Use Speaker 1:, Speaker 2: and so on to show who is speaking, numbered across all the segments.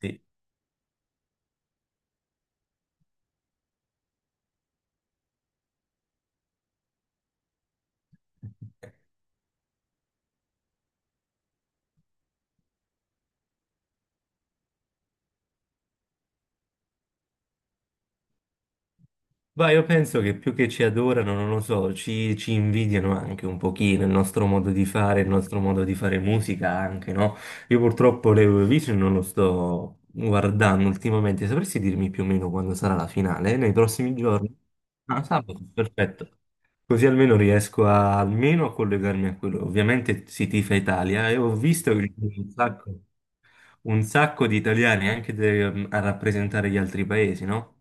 Speaker 1: Sì. Ma io penso che più che ci adorano, non lo so, ci invidiano anche un pochino il nostro modo di fare, il nostro modo di fare musica anche, no? Io purtroppo l'Eurovision non lo sto guardando ultimamente, sapresti dirmi più o meno quando sarà la finale? Nei prossimi giorni? Ah, sabato, perfetto. Così almeno riesco almeno a collegarmi a quello. Ovviamente si tifa Italia e ho visto che ci sono Un sacco di italiani anche a rappresentare gli altri paesi, no?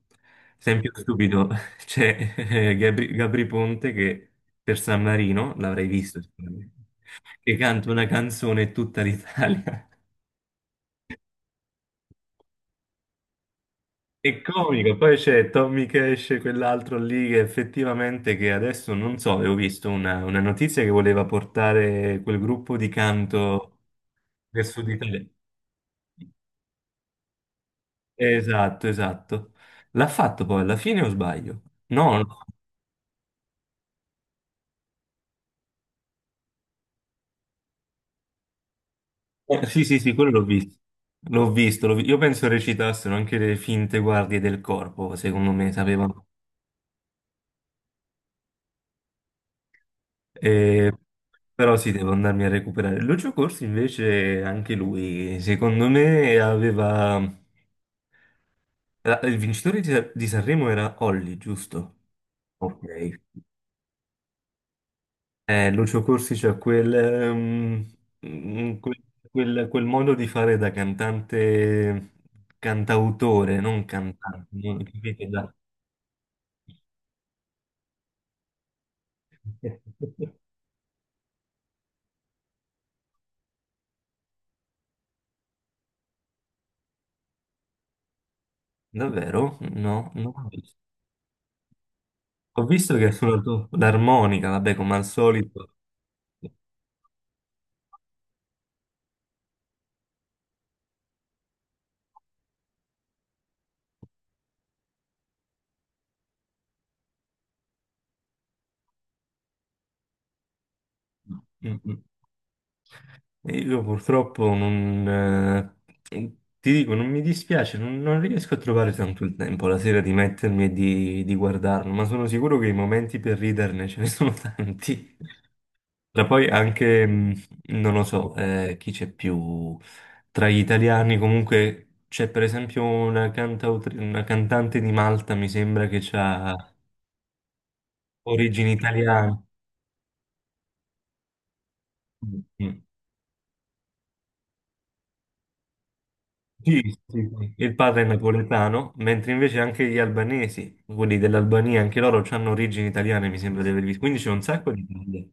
Speaker 1: Esempio stupido, c'è Gabri Ponte che per San Marino, l'avrei visto sicuramente, che canta una canzone in tutta l'Italia. È comico, poi c'è Tommy Cash, quell'altro lì che effettivamente che adesso non so, avevo visto una notizia che voleva portare quel gruppo di canto nel sud Italia. Esatto, esatto. L'ha fatto poi alla fine o sbaglio? No, no. Sì, sì, sì, quello l'ho visto. L'ho visto, io penso recitassero anche le finte guardie del corpo, secondo me, sapevano. Eh, però sì, devo andarmi a recuperare. Lucio Corsi invece, anche lui, secondo me, aveva. Il vincitore di Sanremo era Olli, giusto? Ok. Lucio Corsi c'ha quel, mm, quel- quel- quel modo di fare da cantante, cantautore, non cantante, no, capite? Davvero? No, non ho visto. Ho visto che ha suonato l'armonica, vabbè, come al solito. Mm, mm. E io purtroppo non, ti dico, non mi dispiace, non riesco a trovare tanto il tempo la sera di mettermi e di guardarlo, ma sono sicuro che i momenti per riderne ce ne sono tanti. Tra poi anche, non lo so, chi c'è più tra gli italiani, comunque c'è per esempio una una cantante di Malta, mi sembra che ha origini italiane. Mm, mm. Sì, sì, sì. Il padre è napoletano, mentre invece anche gli albanesi, quelli dell'Albania, anche loro hanno origini italiane, mi sembra di aver visto. Quindi c'è un sacco di Italia.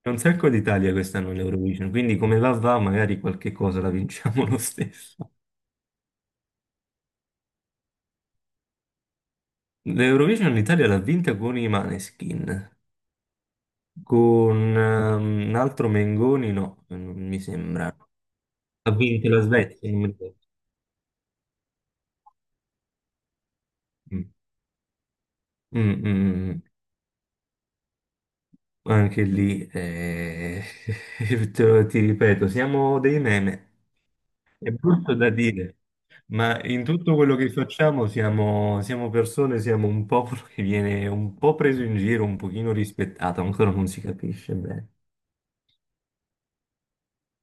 Speaker 1: C'è un sacco d'Italia quest'anno all'Eurovision, quindi come va va, magari qualche cosa la vinciamo lo stesso. L'Eurovision l'Italia l'ha vinta con i Maneskin, con un altro Mengoni, no, non mi sembra. Ha vinto la Svezia, non mi ricordo. Mm. Mm, mm, mm, mm. Anche lì, ti ripeto, siamo dei meme. È brutto da dire, ma in tutto quello che facciamo siamo persone, siamo un popolo che viene un po' preso in giro, un pochino rispettato, ancora non si capisce bene.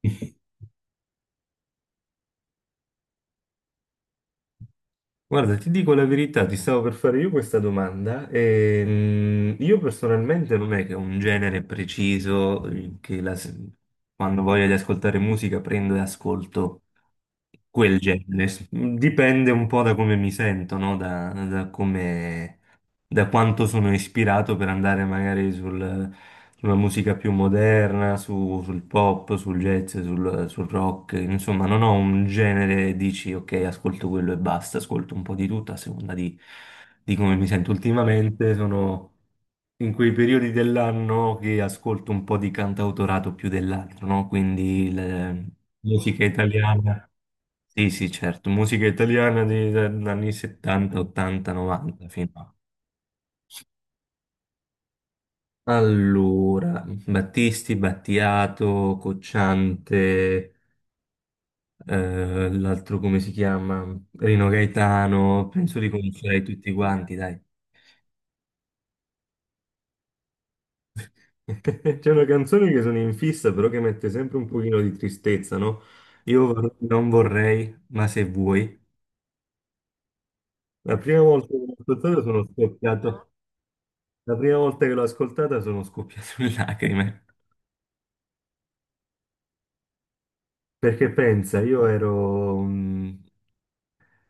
Speaker 1: Guarda, ti dico la verità, ti stavo per fare io questa domanda e io personalmente non è che ho un genere preciso che quando voglio di ascoltare musica prendo e ascolto. Quel genere. Dipende un po' da come mi sento, no? Da come, da quanto sono ispirato per andare magari sulla musica più moderna, sul pop, sul jazz, sul rock. Insomma, non ho un genere e dici ok, ascolto quello e basta, ascolto un po' di tutto a seconda di come mi sento ultimamente. Sono in quei periodi dell'anno che ascolto un po' di cantautorato più dell'altro, no? Quindi musica italiana. Sì, sì, certo, musica italiana degli anni 70, 80, 90 fino a. Allora, Battisti, Battiato, Cocciante, l'altro come si chiama? Rino Gaetano, penso di conoscere tutti quanti, dai. C'è una canzone che sono in fissa, però che mette sempre un pochino di tristezza, no? Non vorrei, ma se vuoi. La prima volta che l'ho ascoltata sono scoppiato. La prima volta che l'ho ascoltata sono scoppiato in lacrime. Perché pensa, io ero,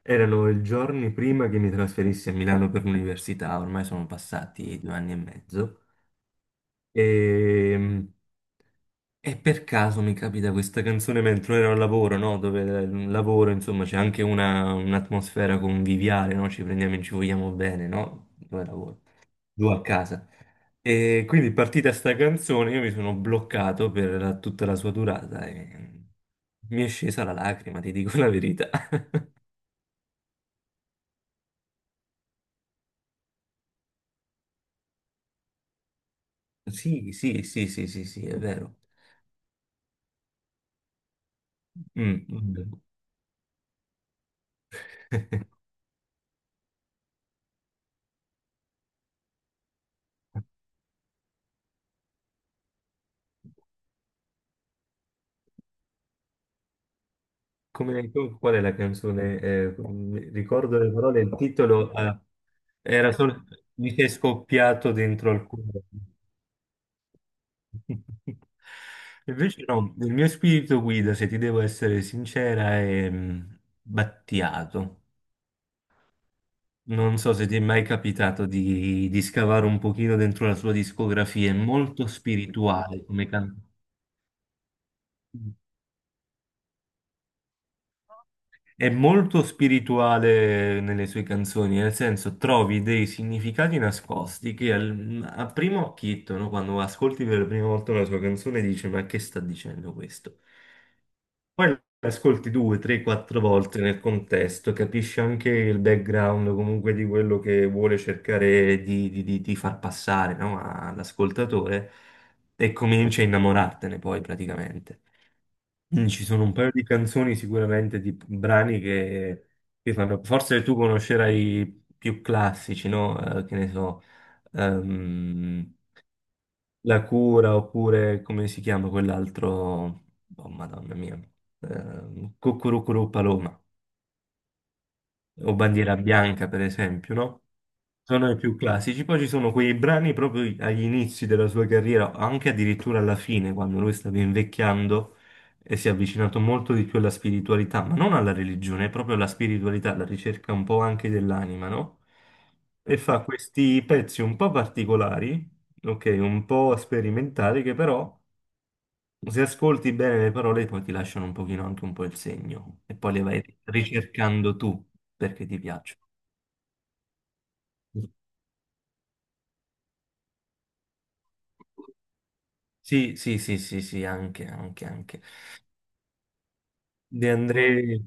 Speaker 1: erano i giorni prima che mi trasferissi a Milano per l'università, ormai sono passati 2 anni e mezzo, e, mh, e per caso mi capita questa canzone mentre ero al lavoro, no? Dove il lavoro, insomma, c'è anche un'atmosfera conviviale, no? Ci prendiamo e ci vogliamo bene, no? Dove lavoro? Giù a casa. E quindi partita sta canzone, io mi sono bloccato per tutta la sua durata e mi è scesa la lacrima, ti dico la verità. Sì, sì, sì, sì, sì, sì, è vero. Mm, mm. Come, qual è la canzone? Mi ricordo le parole, il titolo era solo Mi sei scoppiato dentro al cuore. Invece no, il mio spirito guida, se ti devo essere sincera, è Battiato. Non so se ti è mai capitato di, scavare un pochino dentro la sua discografia, è molto spirituale come cantante. È molto spirituale nelle sue canzoni, nel senso trovi dei significati nascosti che a primo occhietto, no, quando ascolti per la prima volta una sua canzone, dici ma che sta dicendo questo? Poi ascolti 2, 3, 4 volte nel contesto, capisci anche il background comunque di quello che vuole cercare di, di far passare, no, all'ascoltatore e cominci a innamorartene poi praticamente. Ci sono un paio di canzoni sicuramente di brani che fanno. Forse tu conoscerai i più classici, no? Che ne so, ehm, La Cura oppure come si chiama quell'altro? Oh, Madonna mia, Cucurucuru Paloma o Bandiera Bianca, per esempio, no? Sono i più classici, poi ci sono quei brani proprio agli inizi della sua carriera, anche addirittura alla fine, quando lui stava invecchiando e si è avvicinato molto di più alla spiritualità, ma non alla religione, proprio alla spiritualità, alla ricerca un po' anche dell'anima, no? E fa questi pezzi un po' particolari, ok, un po' sperimentali, che però se ascolti bene le parole poi ti lasciano un pochino anche un po' il segno e poi le vai ricercando tu perché ti piacciono. Sì, sì, sì, sì, sì, anche, anche, anche. De André,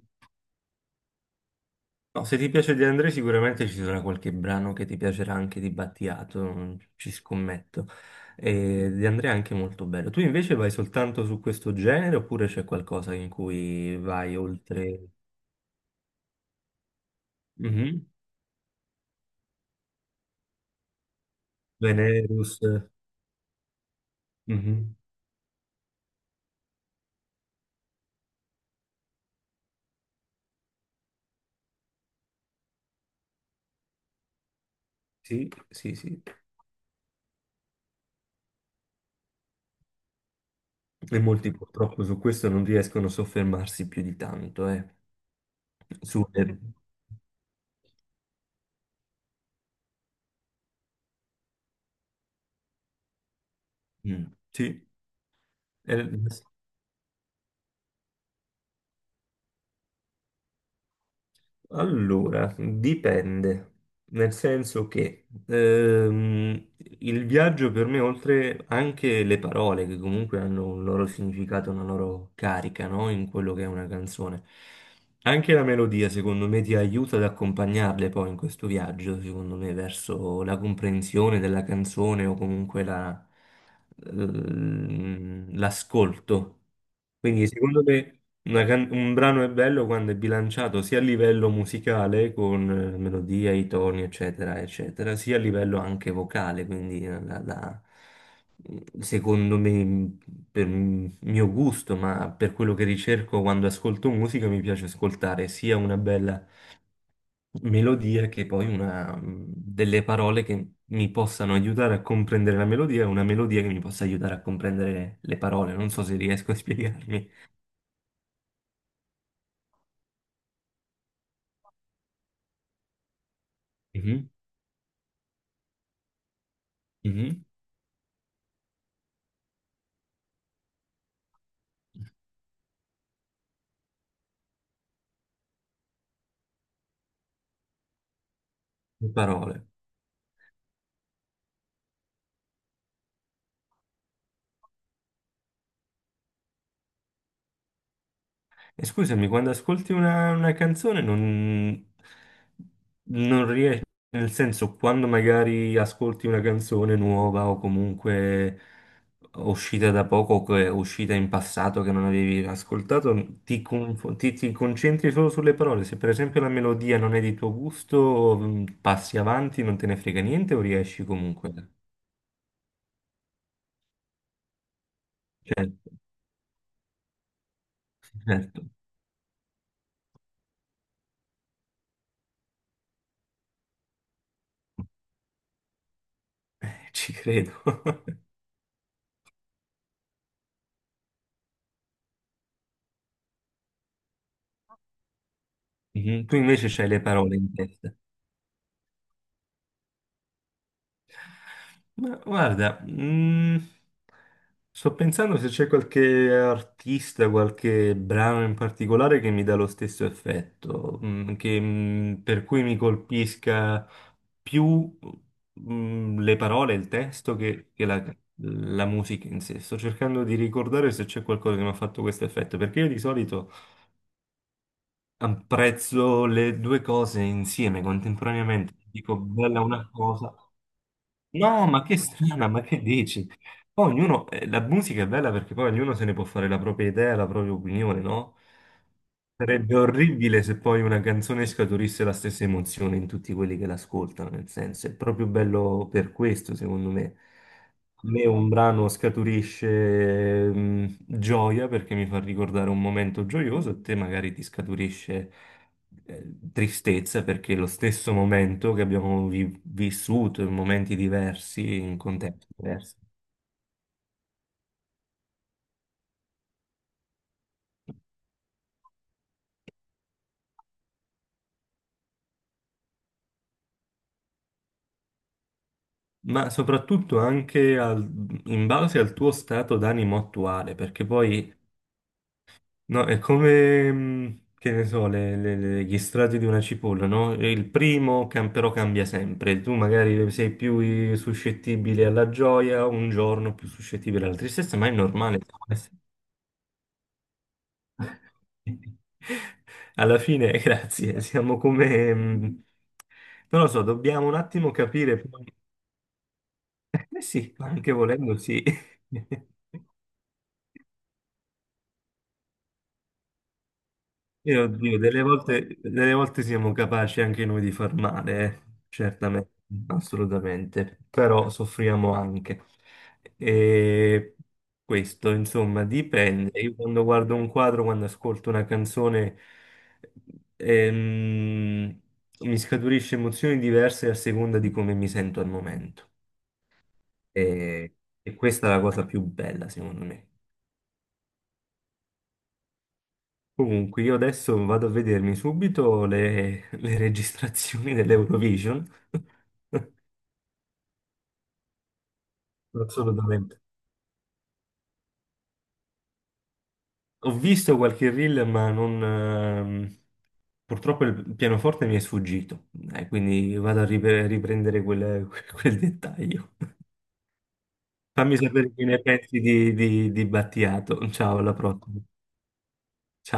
Speaker 1: no, se ti piace De André sicuramente ci sarà qualche brano che ti piacerà anche di Battiato, non ci scommetto. E De André è anche molto bello. Tu invece vai soltanto su questo genere oppure c'è qualcosa in cui vai oltre? Mhm. Venerus. Mhm. Sì, sì, sì. E molti purtroppo su questo non riescono a soffermarsi più di tanto, eh. Su. Mm, sì. Eh, allora, dipende, nel senso che il viaggio per me, oltre anche le parole, che comunque hanno un loro significato, una loro carica, no? In quello che è una canzone, anche la melodia, secondo me, ti aiuta ad accompagnarle poi in questo viaggio, secondo me, verso la comprensione della canzone o comunque l'ascolto. Quindi, secondo me. Una un brano è bello quando è bilanciato sia a livello musicale con melodia, i toni, eccetera, eccetera, sia a livello anche vocale, quindi secondo me, per il mio gusto, ma per quello che ricerco quando ascolto musica, mi piace ascoltare sia una bella melodia che poi una, delle parole che mi possano aiutare a comprendere la melodia e una melodia che mi possa aiutare a comprendere le parole. Non so se riesco a spiegarmi. Mhm, mhm. Le parole. E scusami, quando ascolti una, canzone non riesci, nel senso, quando magari ascolti una canzone nuova o comunque uscita da poco o che è uscita in passato che non avevi ascoltato, ti concentri solo sulle parole. Se per esempio la melodia non è di tuo gusto, passi avanti, non te ne frega niente o riesci comunque. Certo, certo, ci credo. Mhm. Tu invece c'hai le parole in testa. Ma guarda, sto pensando se c'è qualche artista, qualche brano in particolare che mi dà lo stesso effetto, che, per cui mi colpisca più, le parole, il testo che la musica in sé. Sto cercando di ricordare se c'è qualcosa che mi ha fatto questo effetto, perché io di solito apprezzo le due cose insieme, contemporaneamente. Dico bella una cosa. No, ma che strana, ma che dici? Poi ognuno, la musica è bella perché poi ognuno se ne può fare la propria idea, la propria opinione, no? Sarebbe orribile se poi una canzone scaturisse la stessa emozione in tutti quelli che l'ascoltano, nel senso, è proprio bello per questo, secondo me. A me un brano scaturisce gioia perché mi fa ricordare un momento gioioso, e te magari ti scaturisce tristezza perché lo stesso momento che abbiamo vissuto in momenti diversi, in contesti diversi, ma soprattutto anche in base al tuo stato d'animo attuale, perché poi no, è come, che ne so, gli strati di una cipolla, no? Il primo però cambia sempre, tu magari sei più suscettibile alla gioia, un giorno più suscettibile alla tristezza, ma è normale. Alla fine, grazie, siamo come. Non lo so, dobbiamo un attimo capire poi. Eh sì, anche volendo sì. Io, oddio, delle volte siamo capaci anche noi di far male, eh. Certamente, assolutamente, però soffriamo anche. E questo, insomma, dipende. Io quando guardo un quadro, quando ascolto una canzone, ehm, mi scaturisce emozioni diverse a seconda di come mi sento al momento. E, e questa è la cosa più bella, secondo me. Comunque, io adesso vado a vedermi subito le registrazioni dell'Eurovision. Assolutamente. Ho visto qualche reel, ma non, purtroppo il pianoforte mi è sfuggito, quindi vado a riprendere quel, quel dettaglio. Fammi sapere che ne pensi di, di Battiato. Ciao, alla prossima.